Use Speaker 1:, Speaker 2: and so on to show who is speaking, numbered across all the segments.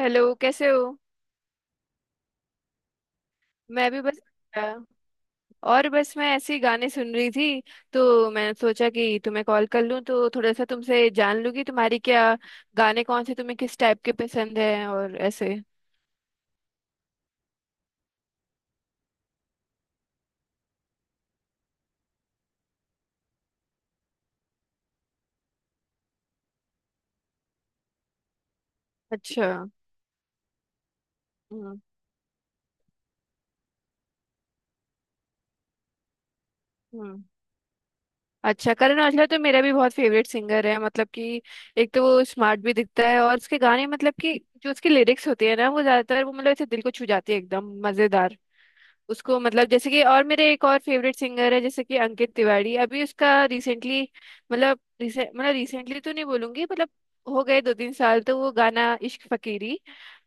Speaker 1: Hello, कैसे हो। मैं भी बस। और बस मैं ऐसे ही गाने सुन रही थी। तो मैंने सोचा कि तुम्हें कॉल कर लूं, तो थोड़ा सा तुमसे जान लूं कि तुम्हारी क्या, गाने कौन से तुम्हें किस टाइप के पसंद हैं और ऐसे। अच्छा। हम्म। हम्म। अच्छा, करण औजला तो मेरा भी बहुत फेवरेट सिंगर है, मतलब कि एक तो वो स्मार्ट भी दिखता है और उसके गाने, मतलब कि जो उसके लिरिक्स होते हैं ना, वो ज्यादातर वो मतलब ऐसे दिल को छू जाते हैं एकदम मजेदार। उसको मतलब जैसे कि, और मेरे एक और फेवरेट सिंगर है जैसे कि अंकित तिवारी। अभी उसका रिसेंटली, मतलब मतलब रिसेंटली तो नहीं बोलूंगी, मतलब हो गए दो तीन साल। तो वो गाना इश्क फकीरी,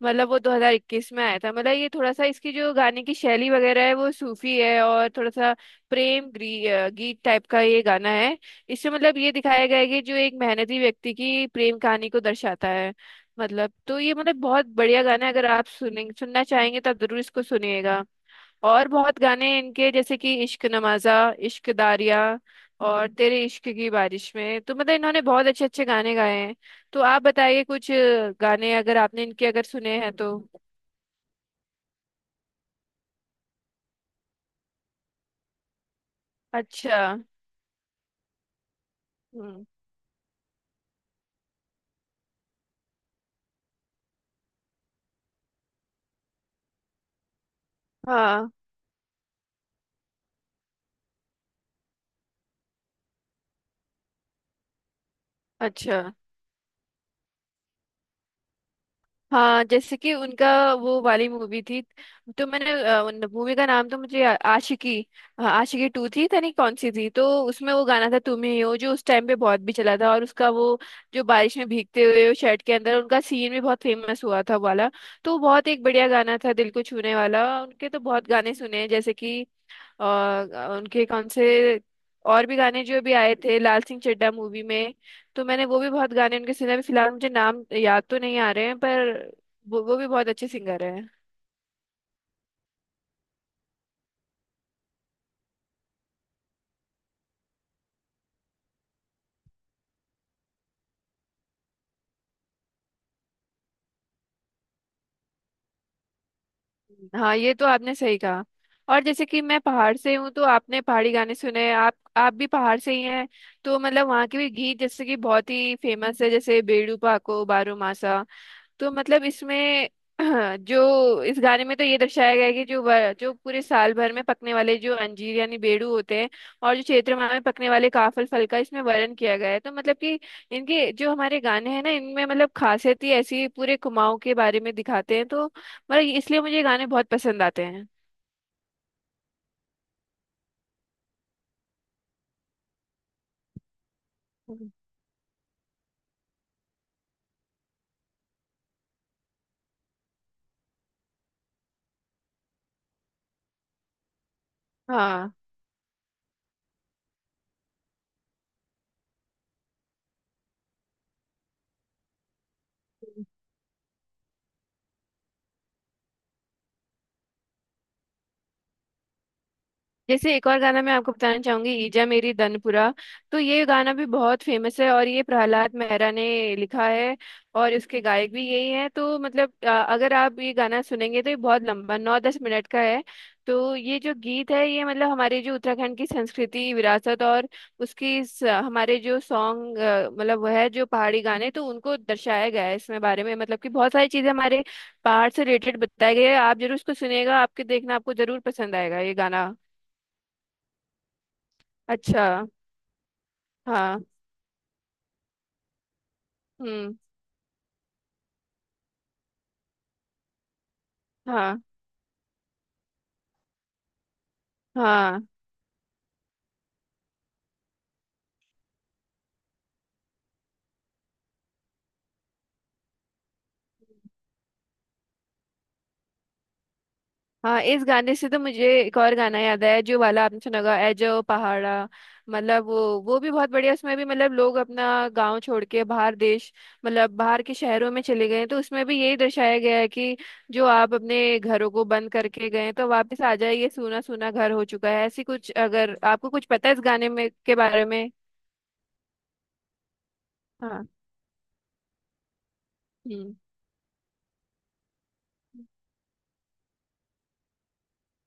Speaker 1: मतलब वो 2021 में आया था। मतलब ये थोड़ा सा, इसकी जो गाने की शैली वगैरह है वो सूफी है, और थोड़ा सा प्रेम गीत टाइप का ये गाना है। इससे मतलब ये दिखाया गया है कि जो एक मेहनती व्यक्ति की प्रेम कहानी को दर्शाता है। मतलब तो ये मतलब बहुत बढ़िया गाना है, अगर आप सुनेंगे, सुनना चाहेंगे तो आप जरूर इसको सुनिएगा। और बहुत गाने इनके, जैसे कि इश्क नवाजा, इश्क दारिया, और तेरे इश्क की बारिश में। तो मतलब इन्होंने बहुत अच्छे अच्छे गाने गाए हैं। तो आप बताइए, कुछ गाने अगर आपने इनके अगर सुने हैं तो। अच्छा। हम्म। हाँ। अच्छा। हाँ, जैसे कि उनका वो वाली मूवी थी, तो मैंने उन मूवी का नाम तो मुझे आशिकी, हाँ, आशिकी टू थी, था नहीं कौन सी थी, तो उसमें वो गाना था तुम ही हो, जो उस टाइम पे बहुत भी चला था। और उसका वो, जो बारिश में भीगते हुए वो शर्ट के अंदर उनका सीन भी बहुत फेमस हुआ था, वो वाला। तो वो बहुत एक बढ़िया गाना था दिल को छूने वाला। उनके तो बहुत गाने सुने हैं जैसे कि, और उनके कौन से और भी गाने जो भी आए थे लाल सिंह चड्ढा मूवी में, तो मैंने वो भी बहुत गाने उनके सुने। अभी फिलहाल मुझे नाम याद तो नहीं आ रहे हैं, पर वो भी बहुत अच्छे सिंगर हैं। हाँ, ये तो आपने सही कहा। और जैसे कि मैं पहाड़ से हूँ, तो आपने पहाड़ी गाने सुने, आप भी पहाड़ से ही हैं। तो मतलब वहाँ के भी गीत जैसे कि बहुत ही फेमस है, जैसे बेड़ू पाको बारो मासा। तो मतलब इसमें जो इस गाने में तो ये दर्शाया गया है कि जो जो पूरे साल भर में पकने वाले जो अंजीर यानी बेड़ू होते हैं, और जो चैत्र माह में पकने वाले काफल फल का इसमें वर्णन किया गया है। तो मतलब कि इनके जो हमारे गाने हैं ना, इनमें मतलब खासियत ही ऐसी, पूरे कुमाऊं के बारे में दिखाते हैं, तो मतलब इसलिए मुझे ये गाने बहुत पसंद आते हैं। हम्म। हाँ, जैसे एक और गाना मैं आपको बताना चाहूंगी, ईजा मेरी दनपुरा। तो ये गाना भी बहुत फेमस है, और ये प्रहलाद मेहरा ने लिखा है, और इसके गायक भी यही हैं। तो मतलब अगर आप ये गाना सुनेंगे तो ये बहुत लंबा, नौ दस मिनट का है। तो ये जो गीत है, ये मतलब हमारे जो उत्तराखंड की संस्कृति, विरासत और उसकी स, हमारे जो सॉन्ग मतलब वह है जो पहाड़ी गाने, तो उनको दर्शाया गया है इसमें बारे में, मतलब कि बहुत सारी चीजें हमारे पहाड़ से रिलेटेड बताई गई है। आप जरूर इसको सुनिएगा, आपके देखना आपको जरूर पसंद आएगा ये गाना। अच्छा। हाँ। हम्म। हाँ। हाँ। हाँ, इस गाने से तो मुझे एक और गाना याद आया, जो वाला आपने सुना होगा एजो पहाड़ा। मतलब वो भी बहुत बढ़िया, उसमें भी मतलब लोग अपना गांव छोड़ के बाहर देश, मतलब बाहर के शहरों में चले गए हैं, तो उसमें भी यही दर्शाया गया है कि जो आप अपने घरों को बंद करके गए हैं, तो वापस आ जाइए, सूना सूना घर हो चुका है। ऐसी कुछ अगर आपको कुछ पता है इस गाने में के बारे में। हाँ। हम्म।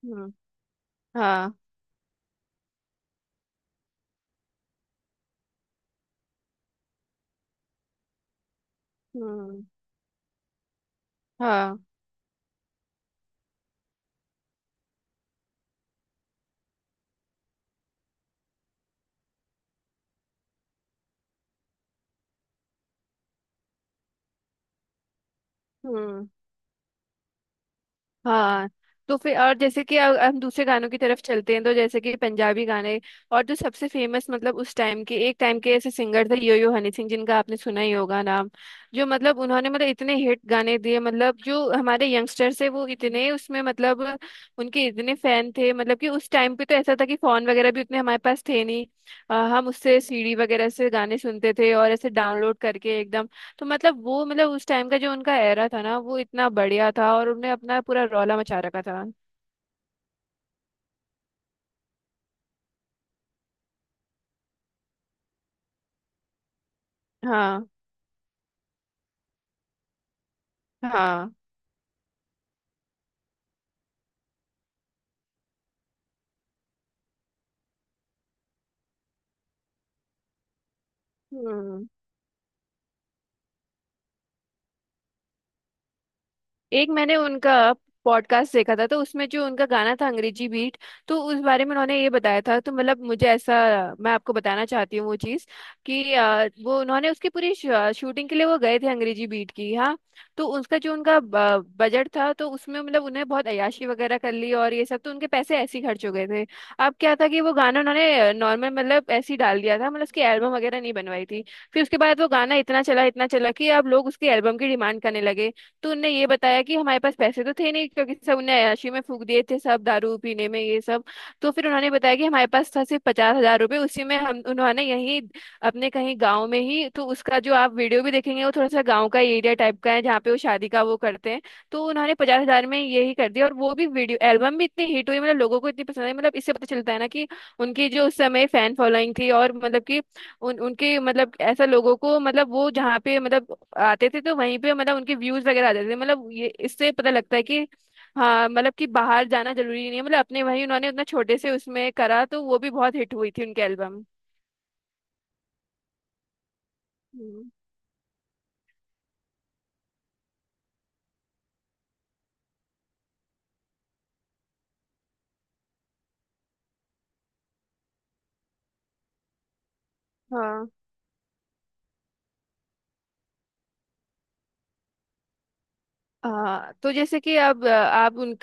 Speaker 1: हम्म। हाँ। हम्म। हाँ। हम्म। हाँ, तो फिर और जैसे कि हम दूसरे गानों की तरफ चलते हैं, तो जैसे कि पंजाबी गाने, और जो सबसे फेमस मतलब उस टाइम के, एक टाइम के ऐसे सिंगर थे यो यो हनी सिंह, जिनका आपने सुना ही होगा नाम। जो मतलब उन्होंने मतलब इतने हिट गाने दिए, मतलब जो हमारे यंगस्टर्स है वो इतने उसमें मतलब उनके इतने फैन थे, मतलब कि उस टाइम पे तो ऐसा था कि फोन वगैरह भी उतने हमारे पास थे नहीं। हम उससे सीडी वगैरह से गाने सुनते थे, और ऐसे डाउनलोड करके एकदम। तो मतलब वो मतलब उस टाइम का जो उनका एरा था ना, वो इतना बढ़िया था और उन्होंने अपना पूरा रौला मचा रखा था। हाँ। हाँ। हम्म। एक मैंने उनका पॉडकास्ट देखा था, तो उसमें जो उनका गाना था अंग्रेजी बीट, तो उस बारे में उन्होंने ये बताया था। तो मतलब मुझे ऐसा, मैं आपको बताना चाहती हूँ वो चीज़, कि वो उन्होंने उसकी पूरी शूटिंग के लिए वो गए थे अंग्रेजी बीट की। हाँ, तो उसका जो उनका बजट था, तो उसमें मतलब उन्हें बहुत अय्याशी वगैरह कर ली और ये सब, तो उनके पैसे ऐसे ही खर्च हो गए थे। अब क्या था कि वो गाना उन्होंने नॉर्मल मतलब ऐसे ही डाल दिया था, मतलब उसकी एल्बम वगैरह नहीं बनवाई थी। फिर उसके बाद वो गाना इतना चला कि अब लोग उसकी एल्बम की डिमांड करने लगे। तो उनने ये बताया कि हमारे पास पैसे तो थे नहीं, क्योंकि सब ने अय्याशी में फूक दिए थे, सब दारू पीने में ये सब। तो फिर उन्होंने बताया कि हमारे पास था सिर्फ पचास हजार रुपये, उसी में हम उन्होंने यहीं अपने कहीं गाँव में ही, तो उसका जो आप वीडियो भी देखेंगे, वो थोड़ा सा गाँव का एरिया टाइप का है, जहाँ पे वो शादी का वो करते हैं। तो उन्होंने पचास हजार में यही कर दिया, और वो भी वीडियो एल्बम भी इतनी हिट हुई, मतलब लोगों को इतनी पसंद आई। मतलब इससे पता चलता है ना कि उनकी जो उस समय फैन फॉलोइंग थी, और मतलब कि उन उनके मतलब ऐसा लोगों को मतलब वो जहाँ पे मतलब आते थे, तो वहीं पे मतलब उनके व्यूज वगैरह आते थे। मतलब ये इससे पता लगता है कि हाँ, मतलब कि बाहर जाना जरूरी नहीं है, मतलब अपने वहीं उन्होंने उतना छोटे से उसमें करा, तो वो भी बहुत हिट हुई थी उनके एल्बम। हम्म। हाँ। हाँ, तो जैसे कि अब आप उन,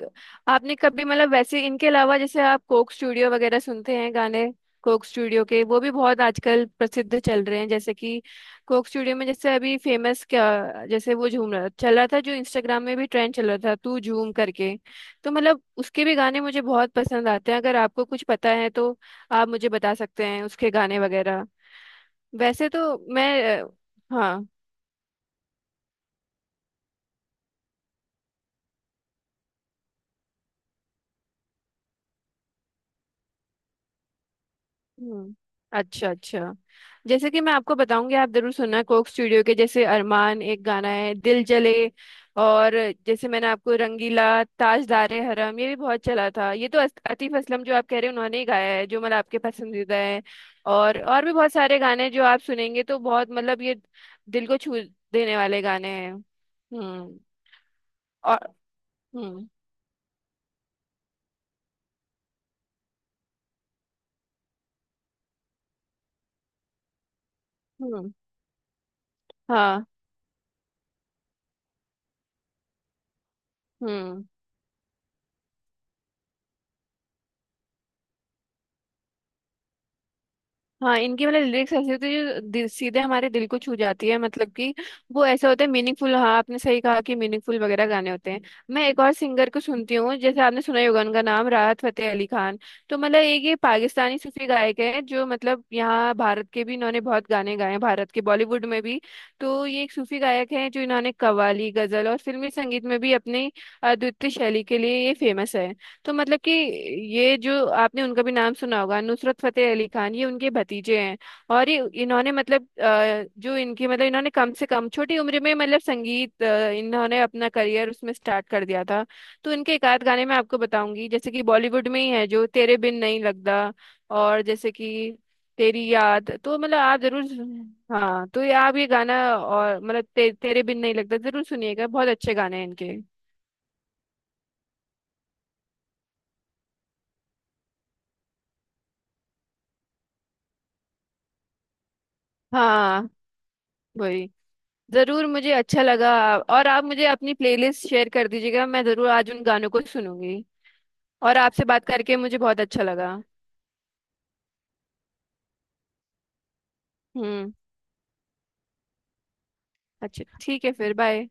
Speaker 1: आपने कभी मतलब वैसे इनके अलावा जैसे आप कोक स्टूडियो वगैरह सुनते हैं गाने। कोक स्टूडियो के वो भी बहुत आजकल प्रसिद्ध चल रहे हैं, जैसे कि कोक स्टूडियो में जैसे अभी फेमस क्या, जैसे वो झूम रहा चल रहा था, जो इंस्टाग्राम में भी ट्रेंड चल रहा था तू झूम करके। तो मतलब उसके भी गाने मुझे बहुत पसंद आते हैं। अगर आपको कुछ पता है तो आप मुझे बता सकते हैं उसके गाने वगैरह। वैसे तो मैं हाँ। हम्म। अच्छा, अच्छा। जैसे कि मैं आपको बताऊंगी, आप जरूर सुनना कोक स्टूडियो के, जैसे अरमान एक गाना है दिल जले, और जैसे मैंने आपको रंगीला, ताजदारे हरम ये भी बहुत चला था। ये तो आतिफ असलम जो आप कह रहे हैं, उन्होंने ही गाया है, जो मतलब आपके पसंदीदा है। और भी बहुत सारे गाने हैं जो आप सुनेंगे तो बहुत मतलब ये दिल को छू देने वाले गाने हैं। हम्म। और। हम्म। हम्म। हाँ। हम्म। हाँ, इनकी मतलब लिरिक्स ऐसी होती है जो दिल, सीधे हमारे दिल को छू जाती है, मतलब कि वो ऐसे होते हैं मीनिंगफुल। हाँ, आपने सही कहा कि मीनिंगफुल वगैरह गाने होते हैं। मैं एक और सिंगर को सुनती हूँ, जैसे आपने सुना ही होगा उनका नाम राहत फतेह अली खान। तो मतलब एक ये पाकिस्तानी सूफी गायक है, जो मतलब यहाँ भारत के भी इन्होंने बहुत गाने गाए हैं, भारत के बॉलीवुड में भी। तो ये एक सूफी गायक है, जो इन्होंने कव्वाली, गजल और फिल्मी संगीत में भी अपनी अद्वितीय शैली के लिए ये फेमस है। तो मतलब कि ये जो आपने उनका भी नाम सुना होगा नुसरत फतेह अली खान, ये उनके भतीजे हैं। और ये इन्होंने मतलब जो इनकी मतलब इन्होंने कम से कम छोटी उम्र में मतलब संगीत इन्होंने अपना करियर उसमें स्टार्ट कर दिया था। तो इनके एक आध गाने मैं आपको बताऊंगी, जैसे कि बॉलीवुड में ही है जो तेरे बिन नहीं लगदा, और जैसे कि तेरी याद, तो मतलब आप जरूर। हाँ, तो ये आप ये गाना और मतलब तेरे बिन नहीं लगदा जरूर सुनिएगा, बहुत अच्छे गाने हैं इनके। हाँ। वही। जरूर, मुझे अच्छा लगा। और आप मुझे अपनी प्लेलिस्ट शेयर कर दीजिएगा, मैं जरूर आज उन गानों को सुनूंगी। और आपसे बात करके मुझे बहुत अच्छा लगा। हम्म। अच्छा, ठीक है, फिर बाय।